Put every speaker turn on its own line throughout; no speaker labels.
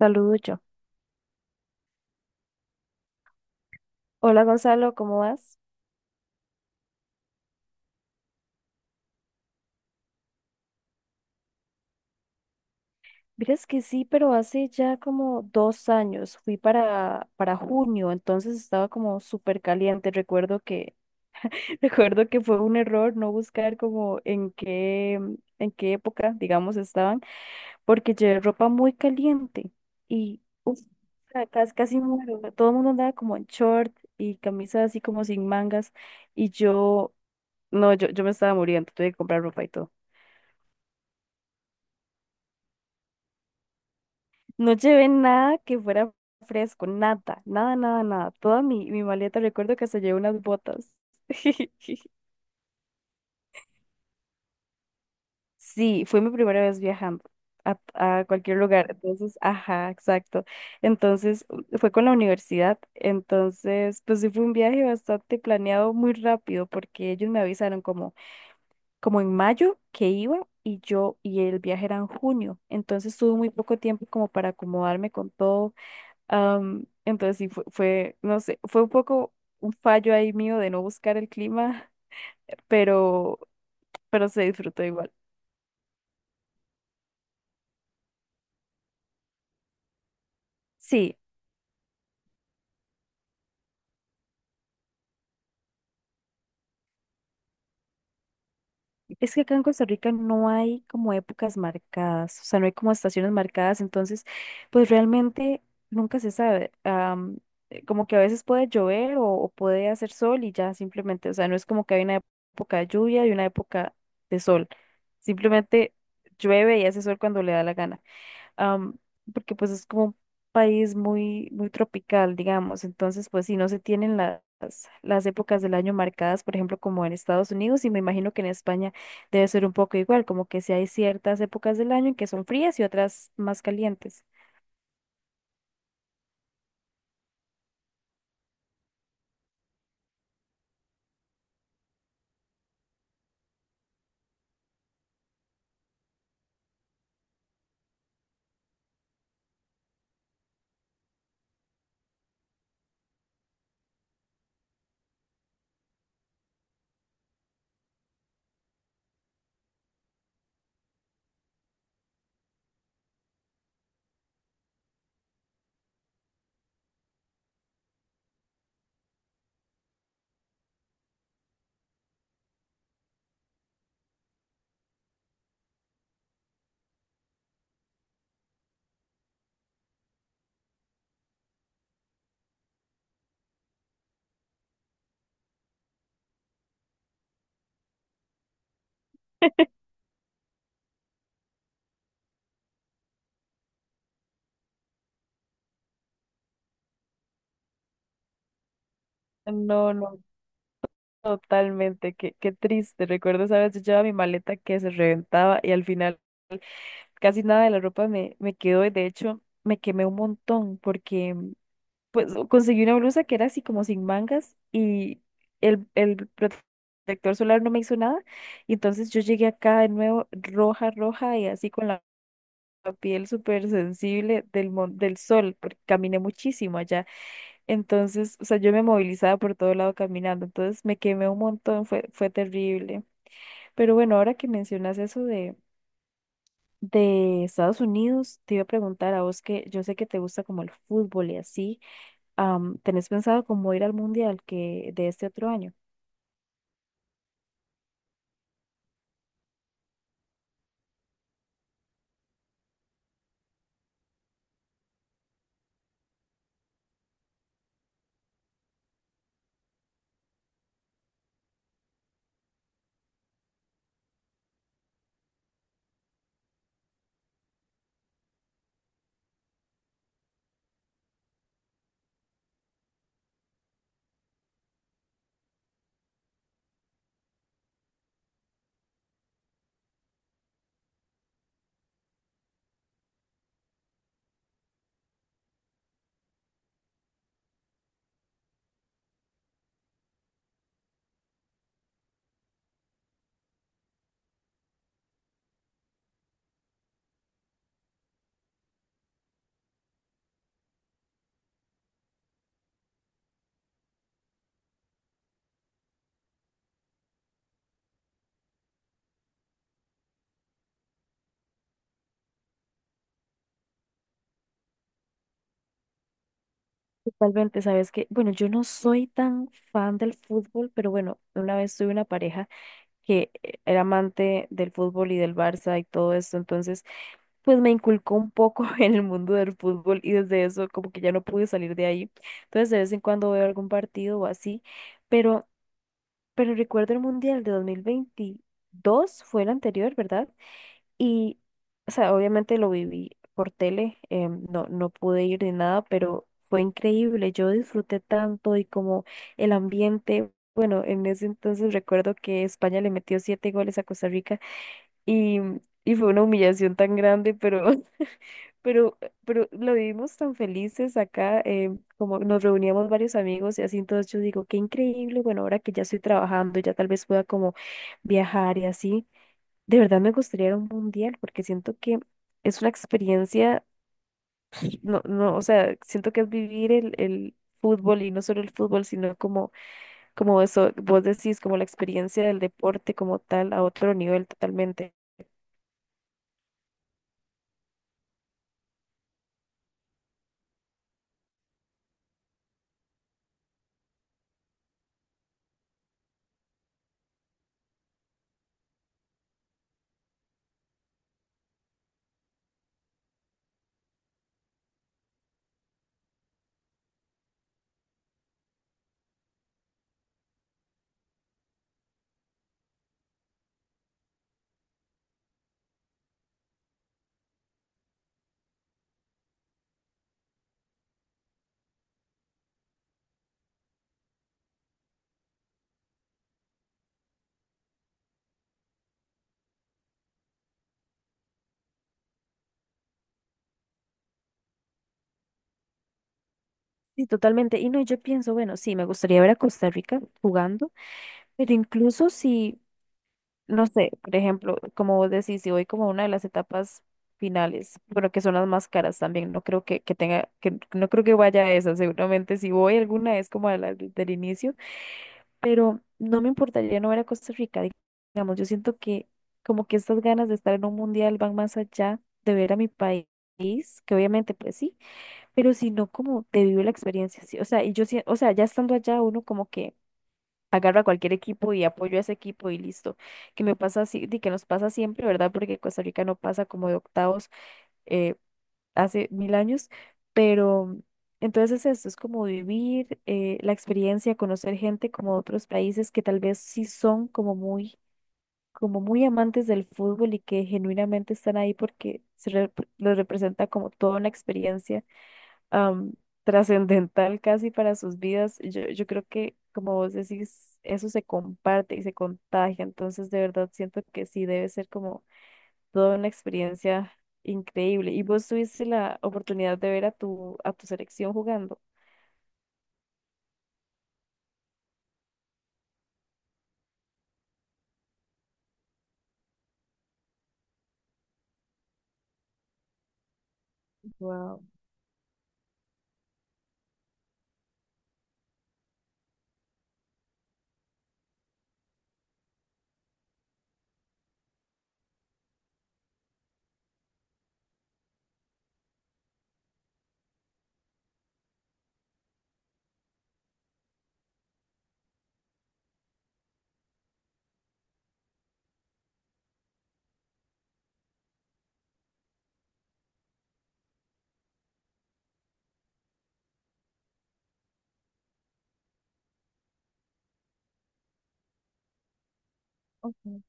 Saludo yo. Hola Gonzalo, ¿cómo vas? Miras que sí, pero hace ya como dos años, fui para junio, entonces estaba como súper caliente. Recuerdo que, recuerdo que fue un error no buscar como en qué época, digamos, estaban, porque llevé ropa muy caliente y uf, casi, casi muero. Todo el mundo andaba como en short y camisas así como sin mangas y yo, no, yo me estaba muriendo, tuve que comprar ropa y todo. No llevé nada que fuera fresco, nada, nada, nada, nada. Toda mi maleta, recuerdo que se llevé unas botas. Sí, fue mi primera vez viajando a, a cualquier lugar. Entonces, ajá, exacto. Entonces, fue con la universidad. Entonces, pues sí fue un viaje bastante planeado muy rápido porque ellos me avisaron como, como en mayo que iba y yo y el viaje era en junio. Entonces, tuve muy poco tiempo como para acomodarme con todo. Entonces sí, fue, no sé, fue un poco un fallo ahí mío de no buscar el clima, pero, pero se disfrutó igual. Sí, es que acá en Costa Rica no hay como épocas marcadas, o sea, no hay como estaciones marcadas, entonces, pues realmente nunca se sabe. Como que a veces puede llover o puede hacer sol y ya simplemente, o sea, no es como que hay una época de lluvia y una época de sol, simplemente llueve y hace sol cuando le da la gana. am, Porque pues es como un país muy, muy tropical, digamos. Entonces, pues si no se tienen las épocas del año marcadas, por ejemplo, como en Estados Unidos, y me imagino que en España debe ser un poco igual, como que si hay ciertas épocas del año en que son frías y otras más calientes. No, no, totalmente, qué triste. Recuerdo, esa vez yo llevaba mi maleta que se reventaba y al final casi nada de la ropa me quedó y de hecho me quemé un montón porque pues conseguí una blusa que era así como sin mangas y el protector solar no me hizo nada. Y entonces yo llegué acá de nuevo roja, roja y así con la piel súper sensible del sol, porque caminé muchísimo allá. Entonces, o sea, yo me movilizaba por todo lado caminando, entonces me quemé un montón, fue terrible. Pero bueno, ahora que mencionas eso de Estados Unidos, te iba a preguntar a vos que yo sé que te gusta como el fútbol y así, ¿tenés pensado cómo ir al mundial que de este otro año? Totalmente, sabes que, bueno, yo no soy tan fan del fútbol, pero bueno, una vez tuve una pareja que era amante del fútbol y del Barça y todo esto, entonces pues me inculcó un poco en el mundo del fútbol y desde eso como que ya no pude salir de ahí. Entonces de vez en cuando veo algún partido o así, pero recuerdo el Mundial de 2022, fue el anterior, ¿verdad? Y, o sea, obviamente lo viví por tele, no, no pude ir ni nada, pero fue increíble. Yo disfruté tanto y como el ambiente. Bueno, en ese entonces recuerdo que España le metió siete goles a Costa Rica y, y fue una humillación tan grande, pero, pero, pero lo vivimos tan felices acá, como nos reuníamos varios amigos y así, entonces yo digo, qué increíble, bueno, ahora que ya estoy trabajando, ya tal vez pueda como viajar y así de verdad me gustaría ir a un mundial porque siento que es una experiencia, no, no, o sea, siento que es vivir el fútbol y no solo el fútbol, sino como, como eso, vos decís, como la experiencia del deporte como tal a otro nivel totalmente. Sí, totalmente. Y no, yo pienso, bueno, sí, me gustaría ver a Costa Rica jugando, pero incluso si no sé, por ejemplo, como vos decís, si voy como a una de las etapas finales, bueno, que son las más caras también, no creo que tenga, que no creo que vaya a esa, seguramente si voy alguna es como a la del inicio, pero no me importaría no ver a Costa Rica, digamos, yo siento que como que estas ganas de estar en un mundial van más allá de ver a mi país. Que obviamente pues sí, pero sino como de vivir la experiencia, sí, o sea, o sea, ya estando allá uno como que agarro a cualquier equipo y apoyo a ese equipo y listo. Que me pasa así, de que nos pasa siempre, ¿verdad? Porque Costa Rica no pasa como de octavos eh, hace mil años, pero entonces esto es como vivir la experiencia, conocer gente como de otros países que tal vez sí son como muy amantes del fútbol y que genuinamente están ahí porque lo representa como toda una experiencia am, trascendental casi para sus vidas. Yo creo que, como vos decís, eso se comparte y se contagia. Entonces, de verdad, siento que sí debe ser como toda una experiencia increíble. Y vos tuviste la oportunidad de ver a tu selección jugando. Wow. Okay.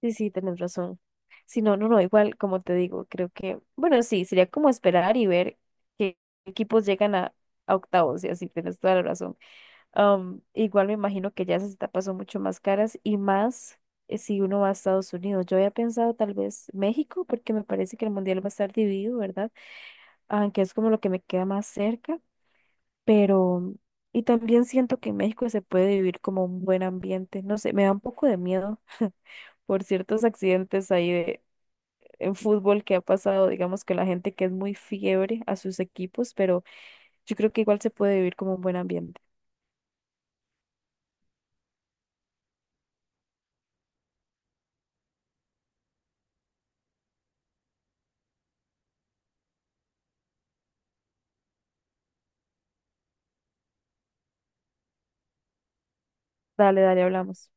Sí, sí, tenés razón. Sí, no, no, no, igual, como te digo, creo que, bueno, sí, sería como esperar y ver qué equipos llegan a octavos, y así, tienes toda la razón. Um, igual me imagino que ya esas etapas son mucho más caras y más si uno va a Estados Unidos. Yo había pensado tal vez México, porque me parece que el mundial va a estar dividido, ¿verdad? Aunque es como lo que me queda más cerca, pero... Y también siento que en México se puede vivir como un buen ambiente. No sé, me da un poco de miedo por ciertos accidentes ahí de, en fútbol que ha pasado, digamos, que la gente que es muy fiebre a sus equipos, pero yo creo que igual se puede vivir como un buen ambiente. Dale, dale, hablamos.